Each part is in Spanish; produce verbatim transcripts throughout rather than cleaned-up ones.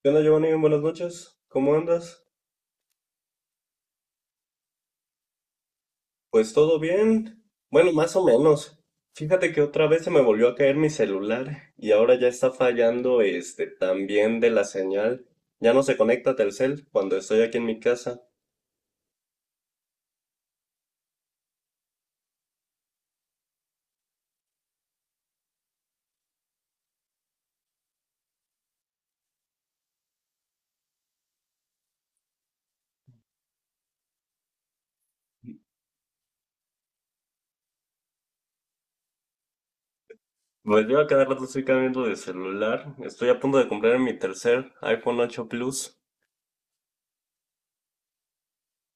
¿Qué onda, Giovanni? Buenas noches. ¿Cómo andas? Pues todo bien. Bueno, más o menos. Fíjate que otra vez se me volvió a caer mi celular y ahora ya está fallando este también de la señal. Ya no se conecta Telcel cuando estoy aquí en mi casa. Pues yo a cada rato estoy cambiando de celular. Estoy a punto de comprar mi tercer iPhone ocho Plus.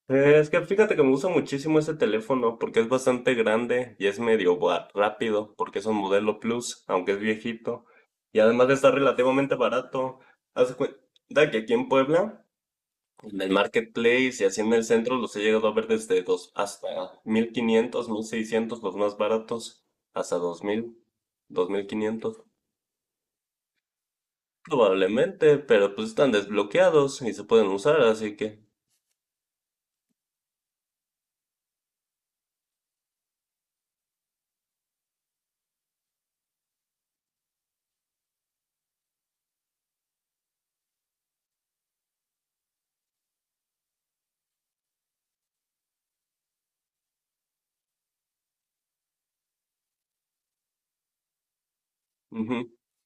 Eh, Es que fíjate que me gusta muchísimo ese teléfono porque es bastante grande y es medio ba- rápido porque es un modelo Plus, aunque es viejito. Y además está relativamente barato. Haz de cuenta que aquí en Puebla, en el Marketplace y así en el centro, los he llegado a ver desde dos hasta mil quinientos, mil seiscientos los más baratos, hasta dos dos mil, dos mil quinientos. Probablemente, pero pues están desbloqueados y se pueden usar, así que... Ujú.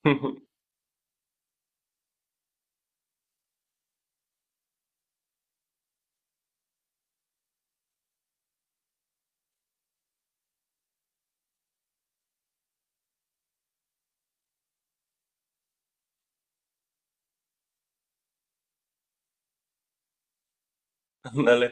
Ándale.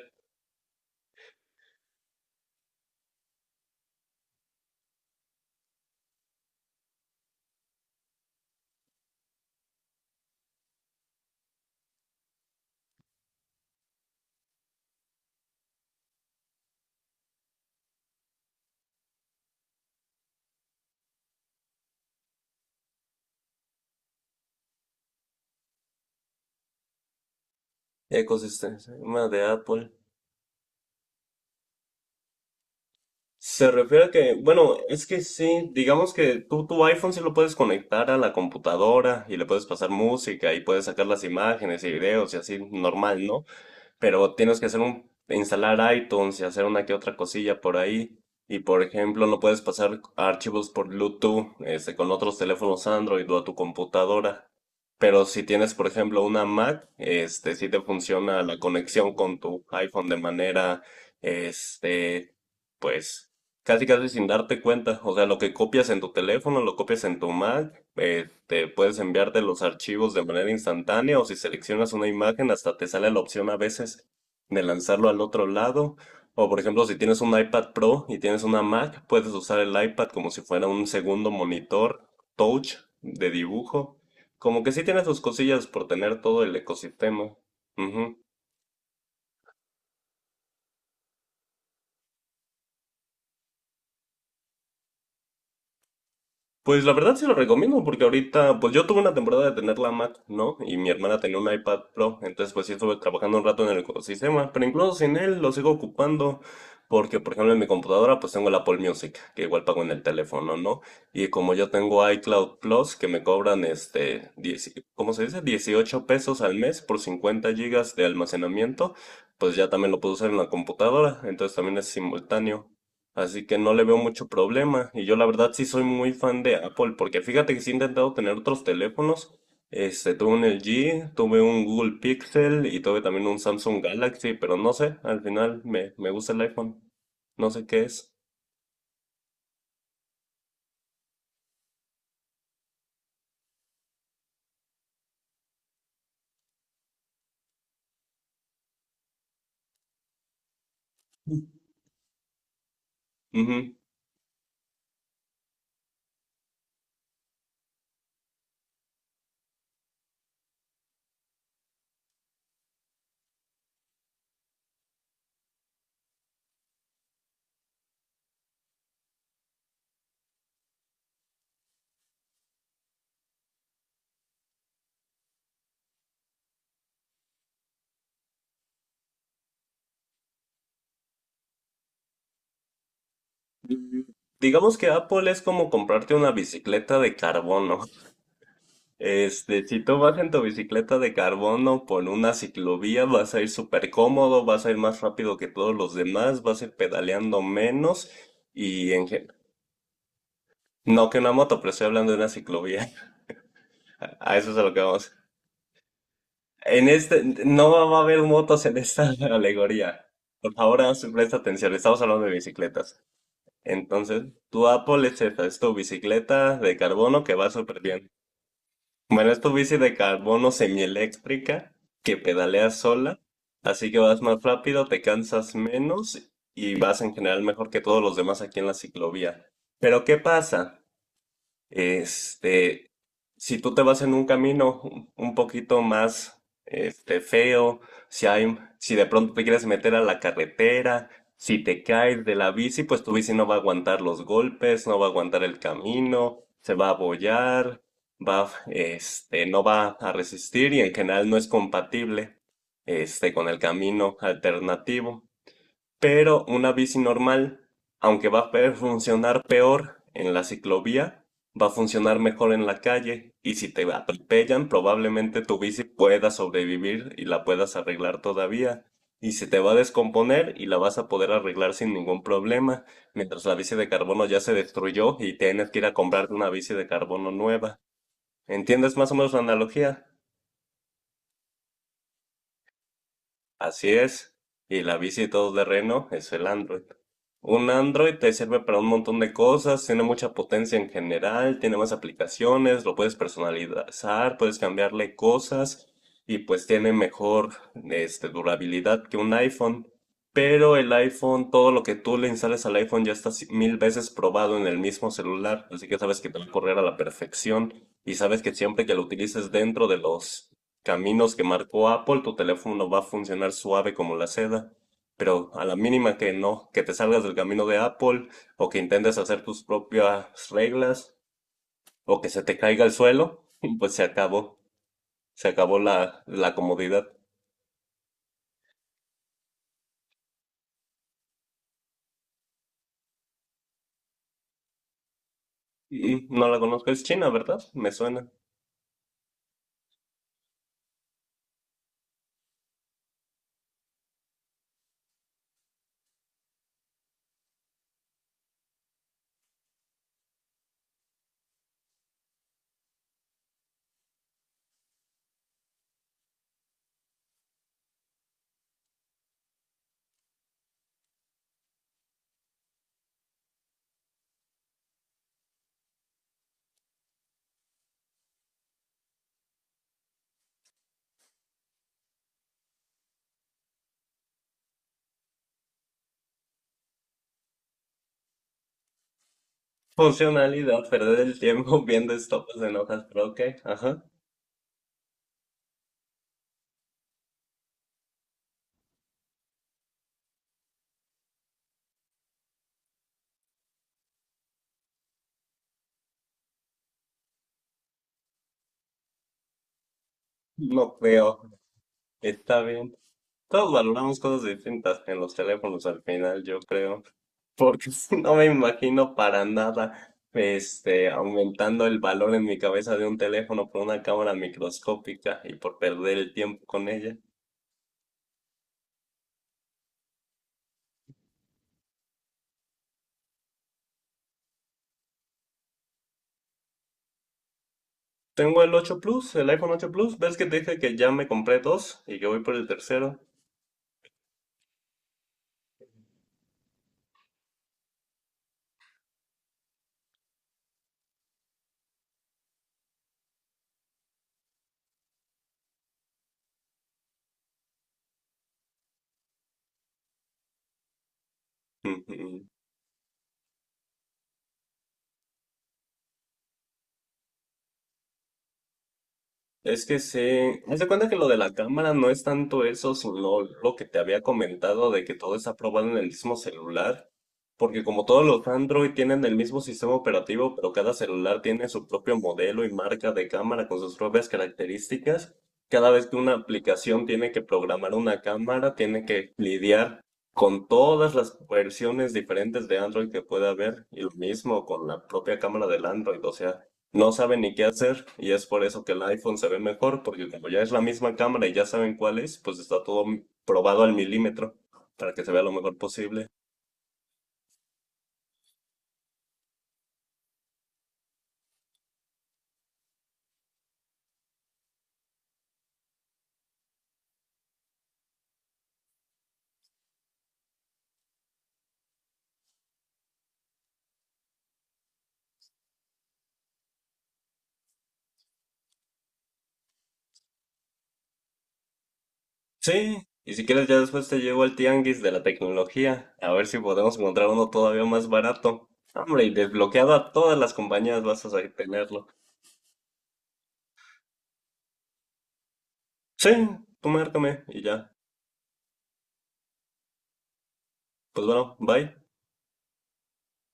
Ecosistema de Apple. Se refiere a que, bueno, es que sí, digamos que tú tu iPhone sí lo puedes conectar a la computadora y le puedes pasar música y puedes sacar las imágenes y videos y así normal, ¿no? Pero tienes que hacer un, instalar iTunes y hacer una que otra cosilla por ahí. Y por ejemplo, no puedes pasar archivos por Bluetooth, este, con otros teléfonos Android o a tu computadora. Pero si tienes, por ejemplo, una Mac, este, sí te funciona la conexión con tu iPhone de manera, este, pues casi, casi sin darte cuenta. O sea, lo que copias en tu teléfono, lo copias en tu Mac, eh, te puedes enviarte los archivos de manera instantánea, o si seleccionas una imagen, hasta te sale la opción a veces de lanzarlo al otro lado. O por ejemplo, si tienes un iPad Pro y tienes una Mac, puedes usar el iPad como si fuera un segundo monitor touch de dibujo. Como que sí tiene sus cosillas por tener todo el ecosistema. Ujú. Pues la verdad sí lo recomiendo porque ahorita, pues yo tuve una temporada de tener la Mac, ¿no? Y mi hermana tenía un iPad Pro, entonces pues sí estuve trabajando un rato en el ecosistema, pero incluso sin él lo sigo ocupando porque, por ejemplo, en mi computadora pues tengo el Apple Music, que igual pago en el teléfono, ¿no? Y como yo tengo iCloud Plus, que me cobran este, diez ¿cómo se dice? dieciocho pesos al mes por cincuenta gigas de almacenamiento, pues ya también lo puedo usar en la computadora, entonces también es simultáneo. Así que no le veo mucho problema. Y yo la verdad sí soy muy fan de Apple, porque fíjate que sí he intentado tener otros teléfonos. Este, tuve un L G, tuve un Google Pixel y tuve también un Samsung Galaxy, pero no sé, al final me, me gusta el iPhone. No sé qué es. Ujú. Digamos que Apple es como comprarte una bicicleta de carbono. Este, si tú vas en tu bicicleta de carbono por una ciclovía, vas a ir súper cómodo, vas a ir más rápido que todos los demás, vas a ir pedaleando menos. Y en, gen- No que una moto, pero estoy hablando de una ciclovía. A eso es a lo que vamos. En este, no va a haber motos en esta alegoría. Por favor, haz- presta atención. Estamos hablando de bicicletas. Entonces, tu Apple es esta, es tu bicicleta de carbono que va súper bien. Bueno, es tu bici de carbono semieléctrica que pedaleas sola, así que vas más rápido, te cansas menos y vas en general mejor que todos los demás aquí en la ciclovía. Pero ¿qué pasa? Este, si tú te vas en un camino un un poquito más este, feo, si hay, si de pronto te quieres meter a la carretera, si te caes de la bici, pues tu bici no va a aguantar los golpes, no va a aguantar el camino, se va a abollar, va, este, no va a resistir y en general no es compatible, este, con el camino alternativo. Pero una bici normal, aunque va a pe- funcionar peor en la ciclovía, va a funcionar mejor en la calle y si te atropellan, probablemente tu bici pueda sobrevivir y la puedas arreglar todavía. Y se te va a descomponer y la vas a poder arreglar sin ningún problema, mientras la bici de carbono ya se destruyó y tienes que ir a comprarte una bici de carbono nueva. ¿Entiendes más o menos la analogía? Así es, y la bici todoterreno es el Android. Un Android te sirve para un montón de cosas, tiene mucha potencia en general, tiene más aplicaciones, lo puedes personalizar, puedes cambiarle cosas y pues tiene mejor este, durabilidad que un iPhone. Pero el iPhone, todo lo que tú le instales al iPhone ya está ci- mil veces probado en el mismo celular, así que sabes que te va a correr a la perfección y sabes que siempre que lo utilices dentro de los caminos que marcó Apple, tu teléfono va a funcionar suave como la seda. Pero a la mínima que no, que te salgas del camino de Apple o que intentes hacer tus propias reglas o que se te caiga al suelo, pues se acabó. Se acabó la, la comodidad. Y no la conozco, es China, ¿verdad? Me suena. Funcionalidad, perder el tiempo viendo estopes en hojas, pero ok, ajá. No creo. Está bien. Todos valoramos cosas distintas en los teléfonos al final, yo creo. Porque no me imagino para nada, este, aumentando el valor en mi cabeza de un teléfono por una cámara microscópica y por perder el tiempo con ella. Tengo el ocho Plus, el iPhone ocho Plus, ¿ves que te dije que ya me compré dos y que voy por el tercero? Es que sí, haz de cuenta que lo de la cámara no es tanto eso, sino lo que te había comentado de que todo está probado en el mismo celular, porque como todos los Android tienen el mismo sistema operativo, pero cada celular tiene su propio modelo y marca de cámara con sus propias características, cada vez que una aplicación tiene que programar una cámara, tiene que lidiar con todas las versiones diferentes de Android que pueda haber, y lo mismo con la propia cámara del Android, o sea no saben ni qué hacer y es por eso que el iPhone se ve mejor, porque como ya es la misma cámara y ya saben cuál es, pues está todo probado al milímetro para que se vea lo mejor posible. Sí, y si quieres ya después te llevo al tianguis de la tecnología, a ver si podemos encontrar uno todavía más barato. Hombre, y desbloqueado a todas las compañías vas a tenerlo. Sí, tú márcame y ya. Pues bueno, bye.